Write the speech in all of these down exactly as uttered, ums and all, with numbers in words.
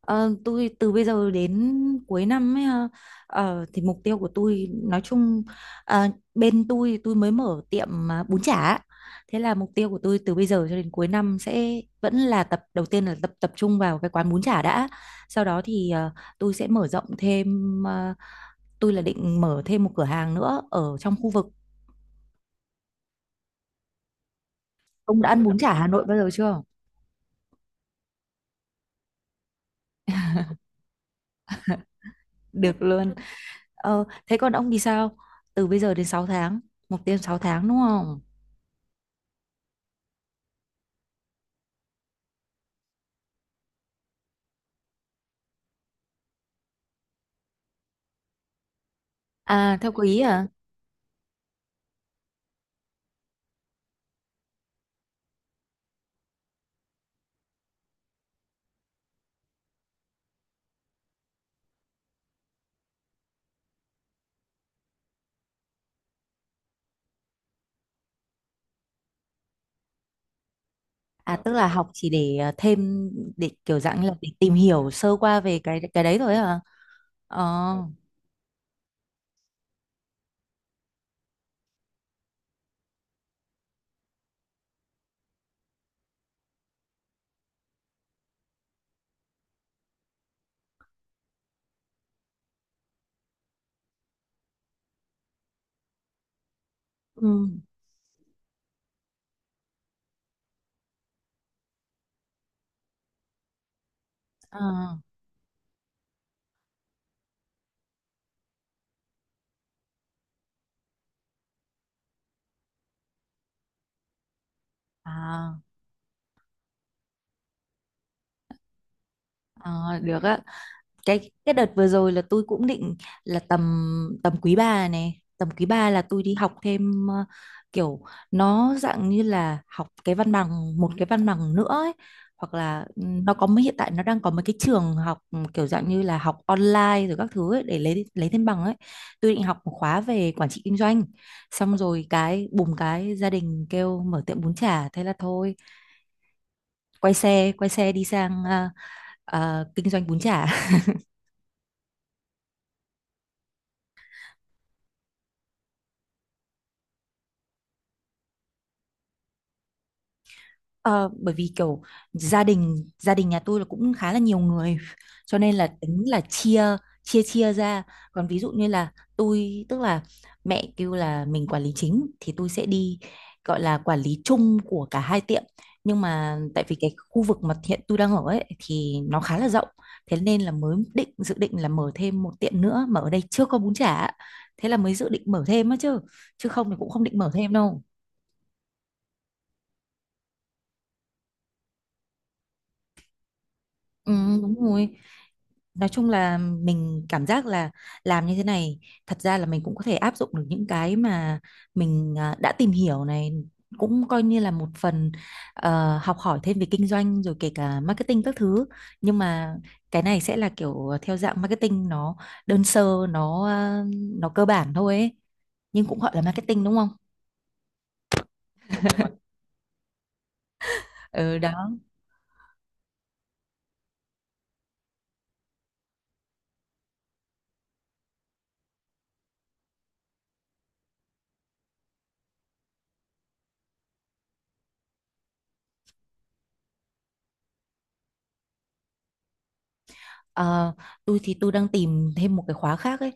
Ờ, tôi từ bây giờ đến cuối năm ấy, ha, ờ, thì mục tiêu của tôi nói chung, ờ, bên tôi tôi mới mở tiệm, à, bún chả. Thế là mục tiêu của tôi từ bây giờ cho đến cuối năm sẽ vẫn là tập đầu tiên là tập tập trung vào cái quán bún chả đã. Sau đó thì, ờ, tôi sẽ mở rộng thêm, ờ, tôi là định mở thêm một cửa hàng nữa ở trong khu vực. Ông đã ăn bún chả Hà Nội bao giờ chưa? Được luôn. Ờ, thế còn ông thì sao, từ bây giờ đến sáu tháng, mục tiêu sáu tháng đúng không? À theo quý à. À tức là học chỉ để, ờ, thêm, để kiểu dạng như là để tìm hiểu sơ qua về cái cái đấy thôi hả? Ờ. Ừ. Ờ. À, à, được á. cái cái đợt vừa rồi là tôi cũng định là tầm, tầm quý ba này, tầm quý ba là tôi đi học thêm, ờ, kiểu nó dạng như là học cái văn bằng, một cái văn bằng nữa ấy. Hoặc là, ừ, nó có mấy, hiện tại nó đang có mấy cái trường học, ừ, kiểu dạng như là học online rồi các thứ ấy, để lấy lấy thêm bằng ấy. Tôi định học một khóa về quản trị kinh doanh, xong rồi cái bùm, cái gia đình kêu mở tiệm bún chả, thế là thôi, quay xe quay xe đi sang, ờ, ờ, kinh doanh bún chả. Ờ, bởi vì kiểu gia đình gia đình nhà tôi là cũng khá là nhiều người, cho nên là tính là chia, chia chia ra. Còn ví dụ như là tôi tức là mẹ kêu là mình quản lý chính thì tôi sẽ đi gọi là quản lý chung của cả hai tiệm. Nhưng mà tại vì cái khu vực mà hiện tôi đang ở ấy thì nó khá là rộng, thế nên là mới định dự định là mở thêm một tiệm nữa mà ở đây chưa có bún chả, thế là mới dự định mở thêm á chứ, chứ không thì cũng không định mở thêm đâu. Ừ, đúng rồi. Nói chung là mình cảm giác là làm như thế này thật ra là mình cũng có thể áp dụng được những cái mà mình à, đã tìm hiểu này, cũng coi như là một phần, ờ, học hỏi thêm về kinh doanh rồi kể cả marketing các thứ. Nhưng mà cái này sẽ là kiểu, à, theo dạng marketing, nó đơn sơ, nó ờ, nó cơ bản thôi ấy. Nhưng cũng gọi là marketing đúng không? Ừ đó. Ờ, tôi thì tôi đang tìm thêm một cái khóa khác ấy.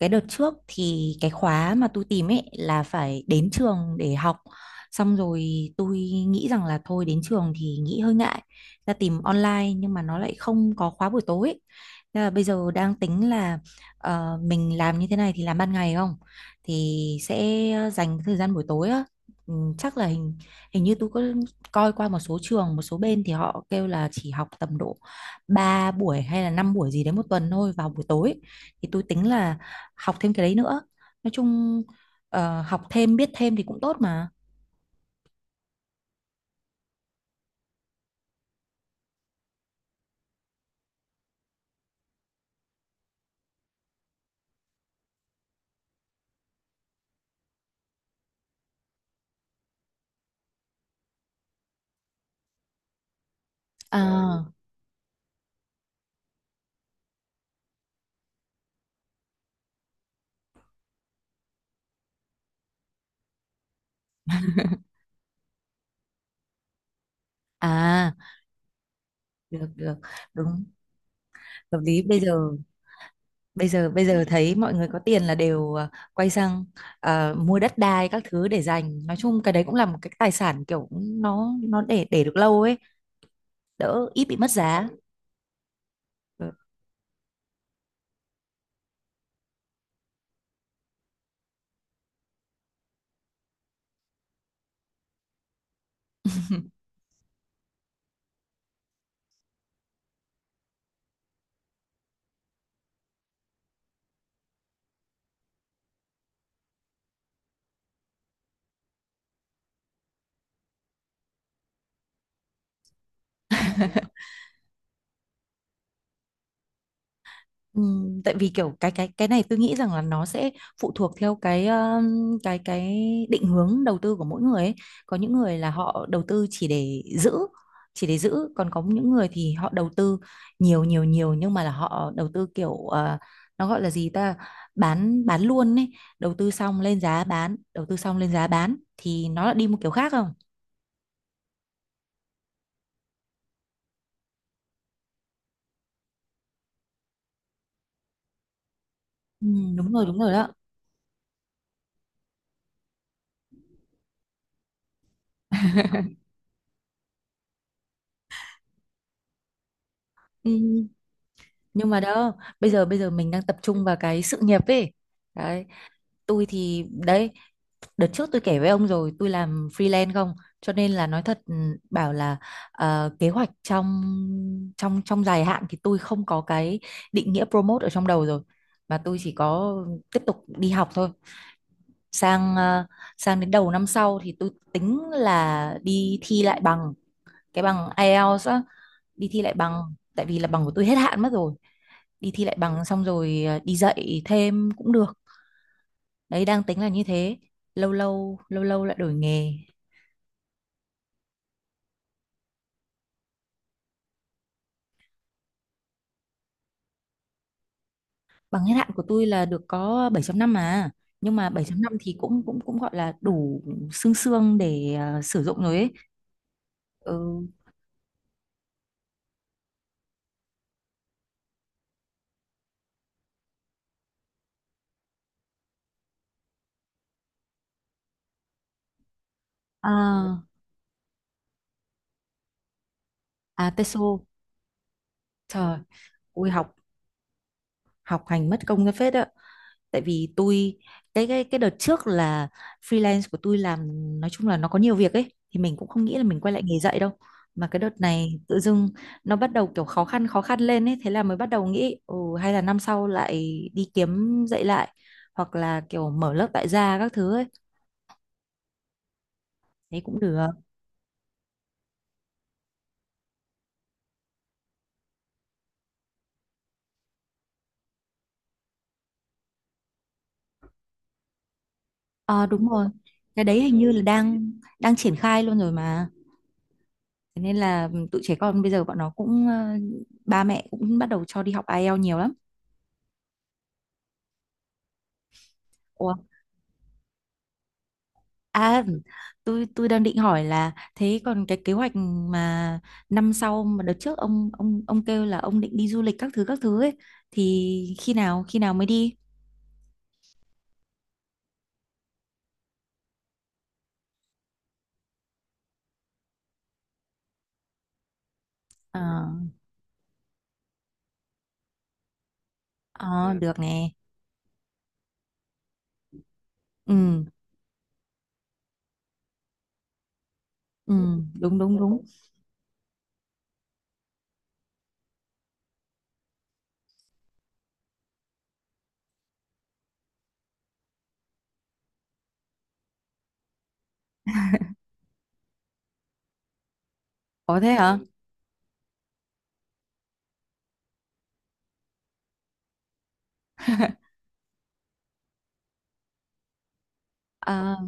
Cái đợt trước thì cái khóa mà tôi tìm ấy là phải đến trường để học. Xong rồi tôi nghĩ rằng là thôi đến trường thì nghĩ hơi ngại. Ra tìm online nhưng mà nó lại không có khóa buổi tối ấy. Thế là bây giờ đang tính là, ờ, mình làm như thế này thì làm ban ngày không? Thì sẽ dành thời gian buổi tối á. Ừ, chắc là hình hình như tôi có coi qua một số trường, một số bên thì họ kêu là chỉ học tầm độ ba buổi hay là năm buổi gì đấy một tuần thôi vào buổi tối, thì tôi tính là học thêm cái đấy nữa. Nói chung, ờ, học thêm biết thêm thì cũng tốt mà. À, à, được được, đúng, hợp lý. Bây giờ, bây giờ bây giờ thấy mọi người có tiền là đều, ờ, quay sang, ờ, mua đất đai các thứ để dành. Nói chung cái đấy cũng là một cái tài sản, kiểu nó nó để để được lâu ấy, đỡ ít bị mất giá. Ừ. Ừ, tại vì kiểu cái cái cái này tôi nghĩ rằng là nó sẽ phụ thuộc theo cái um, cái cái định hướng đầu tư của mỗi người ấy. Có những người là họ đầu tư chỉ để giữ, chỉ để giữ. Còn có những người thì họ đầu tư nhiều nhiều nhiều, nhưng mà là họ đầu tư kiểu, ờ, nó gọi là gì ta, bán bán luôn ấy, đầu tư xong lên giá bán, đầu tư xong lên giá bán, thì nó lại đi một kiểu khác không. Ừ, đúng rồi, đúng rồi đó. Ừ, nhưng mà đó, bây giờ bây giờ mình đang tập trung vào cái sự nghiệp ấy đấy. Tôi thì đấy, đợt trước tôi kể với ông rồi, tôi làm freelance không, cho nên là nói thật, ừ, bảo là, ờ, kế hoạch trong, trong trong dài hạn thì tôi không có cái định nghĩa promote ở trong đầu rồi, mà tôi chỉ có tiếp tục đi học thôi. Sang, ờ, sang đến đầu năm sau thì tôi tính là đi thi lại bằng, cái bằng ai eo á, đi thi lại bằng, tại vì là bằng của tôi hết hạn mất rồi. Đi thi lại bằng xong rồi, à, đi dạy thêm cũng được. Đấy, đang tính là như thế. Lâu lâu lâu lâu lại đổi nghề. Bằng hết hạn của tôi là được có bảy năm mà, nhưng mà bảy năm thì cũng, cũng cũng gọi là đủ xương xương để, à, sử dụng rồi ấy. Ừ. À, à TESOL. Trời, ui, học học hành mất công ra phết ạ. Tại vì tôi, cái cái cái đợt trước là freelance của tôi làm, nói chung là nó có nhiều việc ấy, thì mình cũng không nghĩ là mình quay lại nghề dạy đâu. Mà cái đợt này tự dưng nó bắt đầu kiểu khó khăn, khó khăn lên ấy, thế là mới bắt đầu nghĩ, ừ, hay là năm sau lại đi kiếm dạy lại, hoặc là kiểu mở lớp tại gia các thứ ấy, đấy cũng được. Ờ đúng rồi. Cái đấy hình như là đang đang triển khai luôn rồi mà. Thế nên là tụi trẻ con bây giờ bọn nó cũng, ờ, ba mẹ cũng bắt đầu cho đi học i e l t s nhiều lắm. Ủa, à, tôi tôi đang định hỏi là thế còn cái kế hoạch mà năm sau, mà đợt trước ông, ông ông kêu là ông định đi du lịch các thứ các thứ ấy, thì khi nào, khi nào mới đi? Ờ, ờ, ừ, được nè. Ừ, ừ, đúng đúng đúng. Có thế hả? Ờ.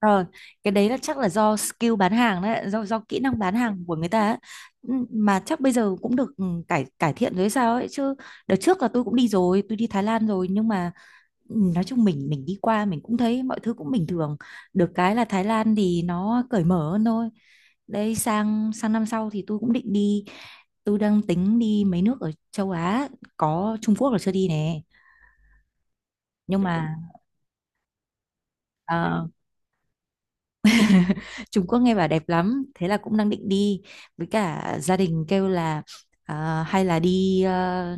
Rồi, cái đấy là chắc là do skill bán hàng đấy, do do kỹ năng bán hàng của người ta ấy. Ừ, mà chắc bây giờ cũng được, ừ, cải cải thiện rồi hay sao ấy chứ. Đợt trước là tôi cũng đi rồi, tôi đi Thái Lan rồi, nhưng mà, ừ, nói chung mình mình đi qua mình cũng thấy mọi thứ cũng bình thường. Được cái là Thái Lan thì nó cởi mở hơn thôi. Đây, sang sang năm sau thì tôi cũng định đi, tôi đang tính đi mấy nước ở châu Á, có Trung Quốc là chưa đi nè. Nhưng mà, ờ, Trung Quốc nghe bảo đẹp lắm, thế là cũng đang định đi. Với cả gia đình kêu là, à, hay là đi, ờ,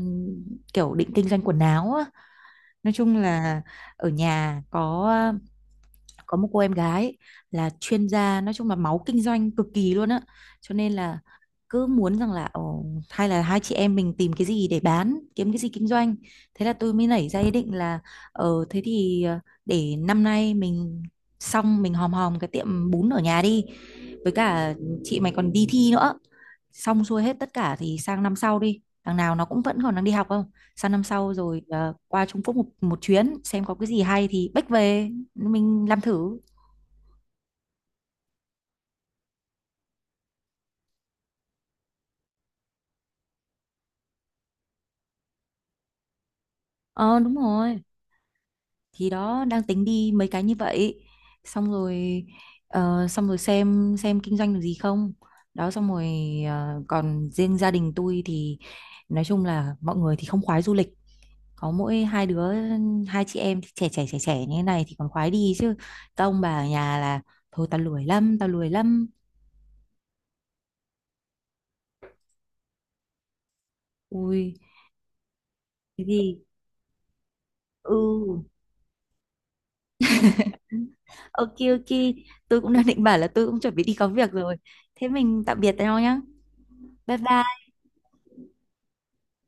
kiểu định kinh doanh quần áo á. Nói chung là ở nhà có, có một cô em gái là chuyên gia, nói chung là máu kinh doanh cực kỳ luôn á, cho nên là cứ muốn rằng là, ồ, hay là hai chị em mình tìm cái gì để bán, kiếm cái gì kinh doanh. Thế là tôi mới nảy ra ý định là, ờ thế thì ờ, để năm nay mình, xong mình hòm hòm cái tiệm bún ở nhà đi, với cả chị mày còn đi thi nữa, xong xuôi hết tất cả thì sang năm sau đi, thằng nào nó cũng vẫn còn đang đi học không. Sang năm sau rồi, ờ, qua Trung Quốc một, một chuyến xem có cái gì hay thì bách về mình làm thử. Ờ đúng rồi, thì đó đang tính đi mấy cái như vậy, xong rồi, ờ, xong rồi xem xem kinh doanh được gì không, đó xong rồi, ờ, còn riêng gia đình tôi thì nói chung là mọi người thì không khoái du lịch, có mỗi hai đứa, hai chị em thì trẻ trẻ trẻ trẻ như thế này thì còn khoái đi chứ, các ông bà ở nhà là thôi, tao lười lắm, tao lười lắm. Ui, cái gì, ừ. Ok ok, tôi cũng đang định bảo là tôi cũng chuẩn bị đi có việc rồi. Thế mình tạm biệt nhau nhá. Bye bye.